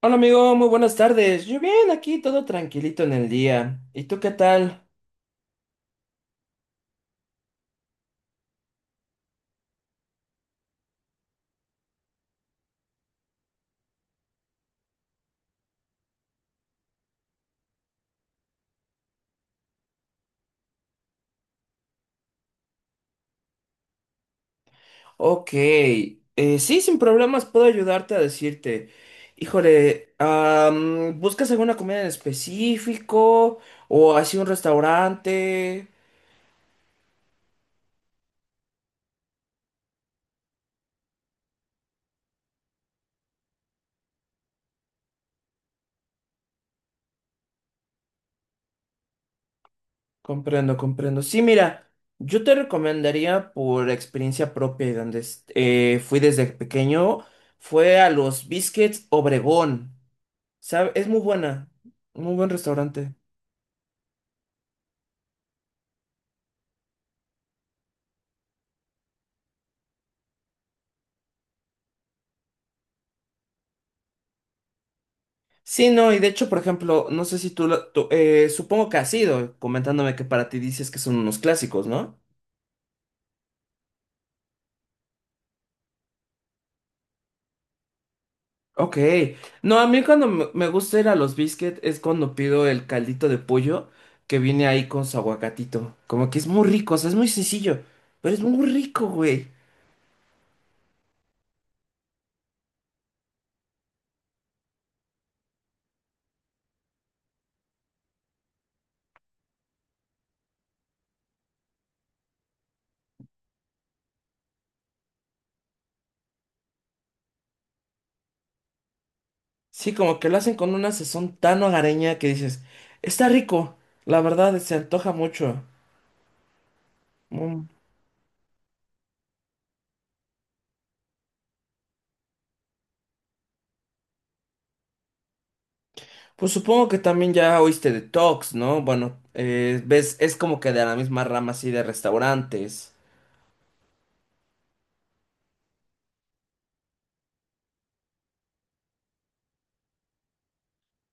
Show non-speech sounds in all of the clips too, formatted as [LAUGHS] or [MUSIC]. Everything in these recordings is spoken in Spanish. Hola amigo, muy buenas tardes. Yo bien, aquí todo tranquilito en el día. ¿Y tú qué tal? Ok, sí, sin problemas puedo ayudarte a decirte. Híjole, ¿buscas alguna comida en específico? ¿O así un restaurante? Comprendo, comprendo. Sí, mira, yo te recomendaría por experiencia propia y donde fui desde pequeño, fue a los Biscuits Obregón. ¿Sabe? Es muy buena, muy buen restaurante. Sí, no, y de hecho, por ejemplo, no sé si tú, supongo que has ido comentándome que para ti dices que son unos clásicos, ¿no? Ok, no, a mí cuando me gusta ir a los biscuits es cuando pido el caldito de pollo que viene ahí con su aguacatito, como que es muy rico, o sea, es muy sencillo, pero es muy rico, güey. Sí, como que lo hacen con una sazón tan hogareña que dices, está rico, la verdad, se antoja mucho. Mm. Pues supongo que también ya oíste de Tox, ¿no? Bueno, ves, es como que de la misma rama así de restaurantes.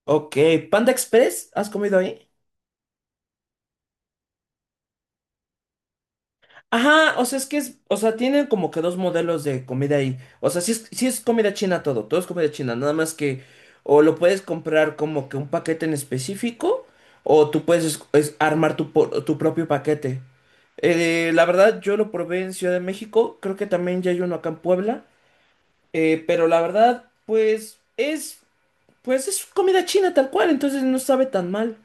Ok, Panda Express, ¿has comido ahí? Ajá, o sea, es que es, o sea, tienen como que dos modelos de comida ahí. O sea, sí es comida china, todo, todo es comida china, nada más que o lo puedes comprar como que un paquete en específico o tú puedes es armar tu, tu propio paquete. La verdad, yo lo probé en Ciudad de México, creo que también ya hay uno acá en Puebla. Pero la verdad, pues es comida china tal cual, entonces no sabe tan mal.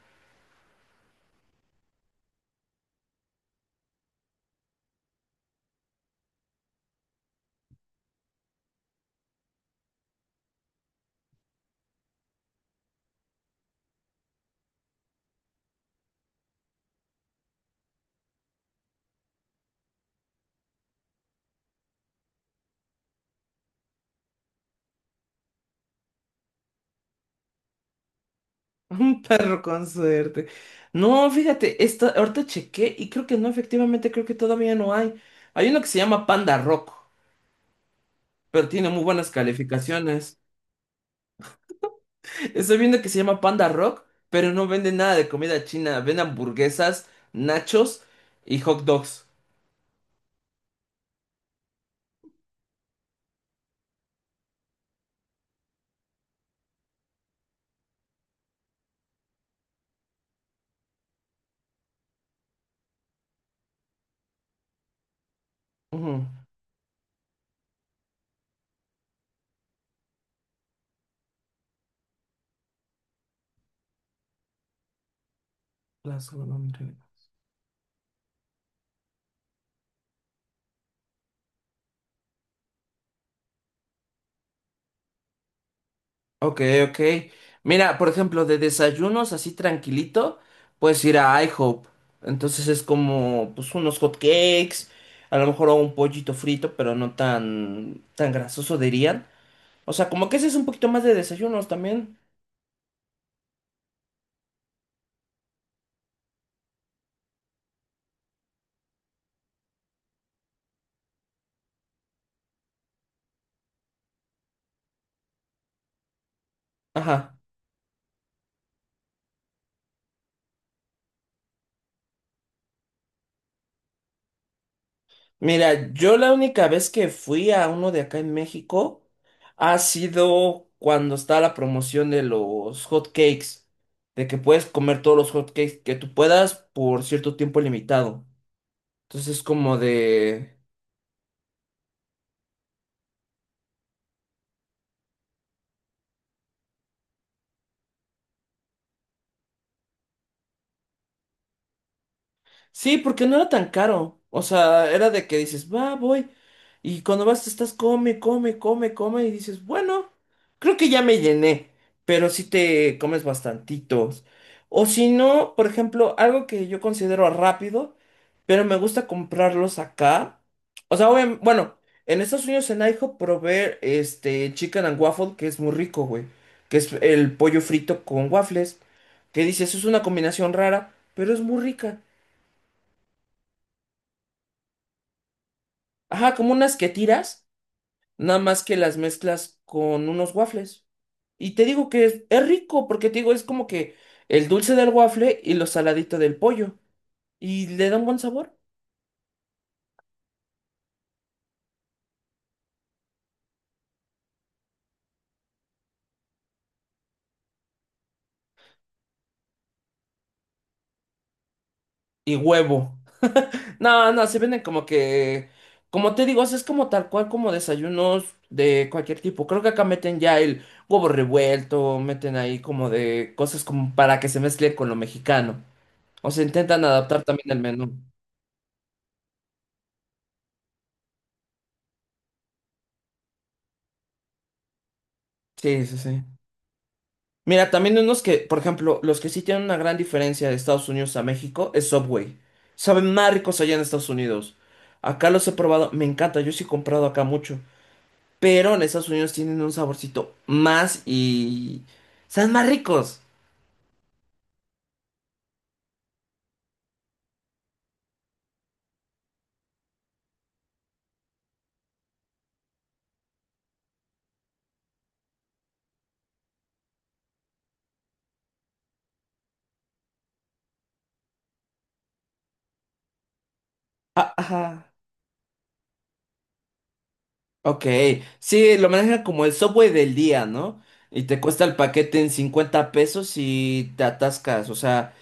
[LAUGHS] Un perro con suerte. No, fíjate, esta, ahorita chequé y creo que no, efectivamente, creo que todavía no hay. Hay uno que se llama Panda Rock, pero tiene muy buenas calificaciones. [LAUGHS] Estoy viendo que se llama Panda Rock, pero no vende nada de comida china. Vende hamburguesas, nachos y hot dogs. Ujú. Las- Ok, ok. Mira, por ejemplo, de desayunos así tranquilito, puedes ir a IHOP. Entonces es como, pues, unos hot cakes, a lo mejor un pollito frito, pero no tan, tan grasoso dirían. O sea, como que ese es un poquito más de desayunos también. Ajá. Mira, yo la única vez que fui a uno de acá en México ha sido cuando está la promoción de los hot cakes, de que puedes comer todos los hot cakes que tú puedas por cierto tiempo limitado. Entonces, como de, sí, porque no era tan caro. O sea, era de que dices, va, voy. Y cuando vas, te estás, come, come, come, come. Y dices, bueno, creo que ya me llené. Pero sí te comes bastantitos. O si no, por ejemplo, algo que yo considero rápido, pero me gusta comprarlos acá. O sea, bueno, en Estados Unidos, en IHOP, probé este chicken and waffle, que es muy rico, güey. Que es el pollo frito con waffles. Que dices, es una combinación rara, pero es muy rica. Ajá, como unas que tiras, nada más que las mezclas con unos waffles. Y te digo que es rico, porque te digo, es como que el dulce del waffle y lo saladito del pollo. Y le da un buen sabor. Y huevo. No, no, se venden como que, como te digo, o sea, es como tal cual como desayunos de cualquier tipo. Creo que acá meten ya el huevo revuelto, meten ahí como de cosas como para que se mezcle con lo mexicano. O se intentan adaptar también el menú. Sí, sí, sí. Mira, también unos que, por ejemplo, los que sí tienen una gran diferencia de Estados Unidos a México es Subway. Saben más ricos allá en Estados Unidos. Acá los he probado, me encanta, yo sí he comprado acá mucho. Pero en Estados Unidos tienen un saborcito más y... saben más ricos. Ah, ajá. Ok, sí, lo manejan como el Subway del día, ¿no? Y te cuesta el paquete en 50 pesos y te atascas. O sea,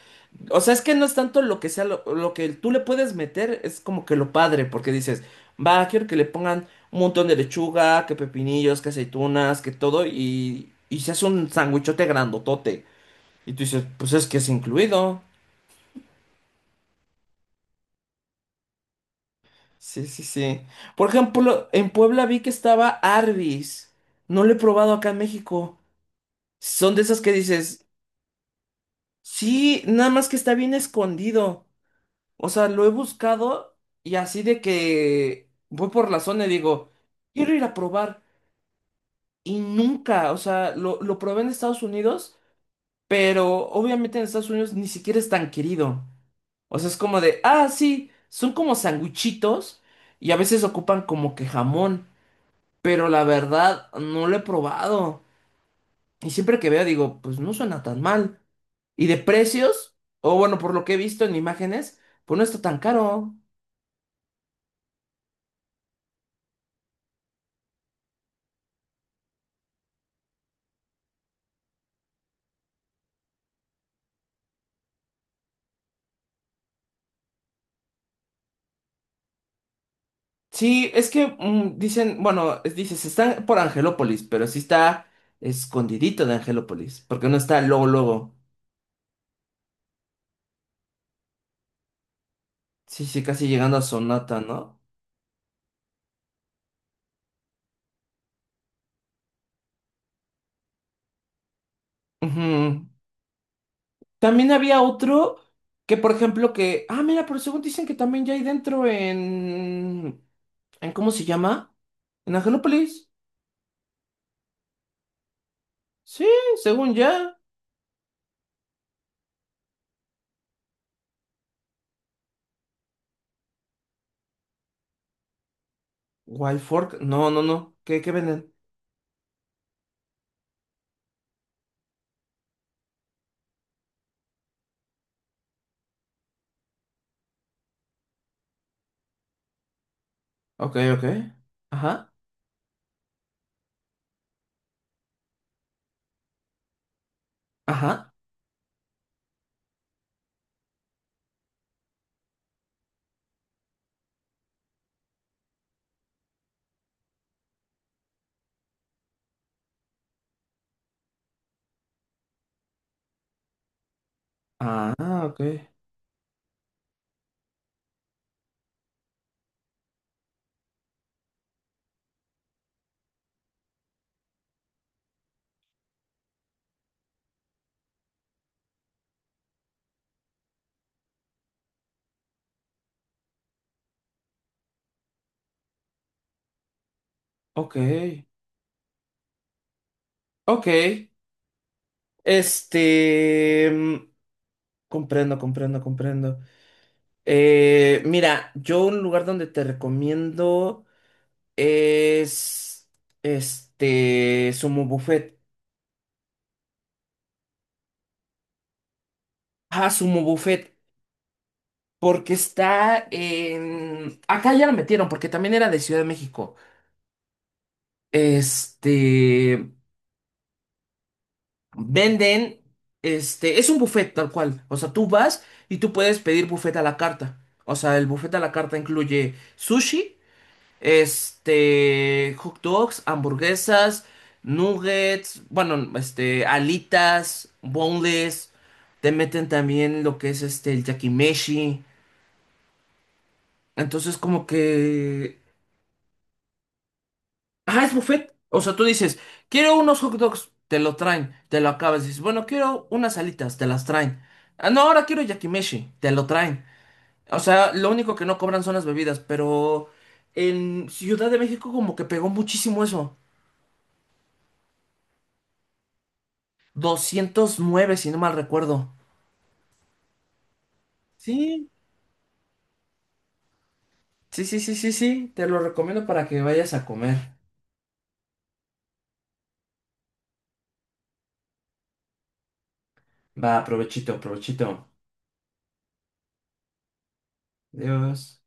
o sea, es que no es tanto lo que sea, lo que tú le puedes meter es como que lo padre, porque dices, va, quiero que le pongan un montón de lechuga, que pepinillos, que aceitunas, que todo, y se hace un sándwichote grandotote. Y tú dices, pues es que es incluido. Sí, sí, sí. Por ejemplo, en Puebla vi que estaba Arby's. No lo he probado acá en México. Son de esas que dices, sí, nada más que está bien escondido. O sea, lo he buscado y así de que voy por la zona y digo, quiero ir a probar. Y nunca, o sea, lo probé en Estados Unidos, pero obviamente en Estados Unidos ni siquiera es tan querido. O sea, es como de, ah, sí, son como sanguchitos y a veces ocupan como que jamón, pero la verdad no lo he probado. Y siempre que veo digo, pues no suena tan mal. Y de precios, o bueno, por lo que he visto en imágenes, pues no está tan caro. Sí, es que dicen, bueno, dices, están por Angelópolis, pero sí está escondidito de Angelópolis, porque no está luego, luego. Sí, sí, casi llegando a Sonata, ¿no? Ujú. También había otro que, por ejemplo, que, ah, mira, pero según dicen que también ya hay dentro en ¿cómo se llama? En Angelópolis. Sí, según ya. Wild Fork, no, no, no, ¿qué venden? Ok, ok. Ajá, ajá. Ah, ok, ok, ok. Este, comprendo, comprendo, comprendo. Mira, yo un lugar donde te recomiendo es este Sumo Buffet. Ah, Sumo Buffet, porque está en... Acá ya lo metieron, porque también era de Ciudad de México. Este, venden, este, es un buffet tal cual. O sea, tú vas y tú puedes pedir buffet a la carta. O sea, el buffet a la carta incluye sushi. Este, hot dogs, hamburguesas, nuggets, bueno, este, alitas, boneless, te meten también lo que es este, el yakimeshi. Entonces, como que, ah, es buffet. O sea, tú dices, quiero unos hot dogs, te lo traen, te lo acabas. Dices, bueno, quiero unas alitas, te las traen. Ah, no, ahora quiero yakimeshi, te lo traen. O sea, lo único que no cobran son las bebidas, pero en Ciudad de México como que pegó muchísimo eso. 209 si no mal recuerdo. Sí, sí, sí, sí, sí, sí. Te lo recomiendo para que vayas a comer. Va, provechito, provechito. Adiós.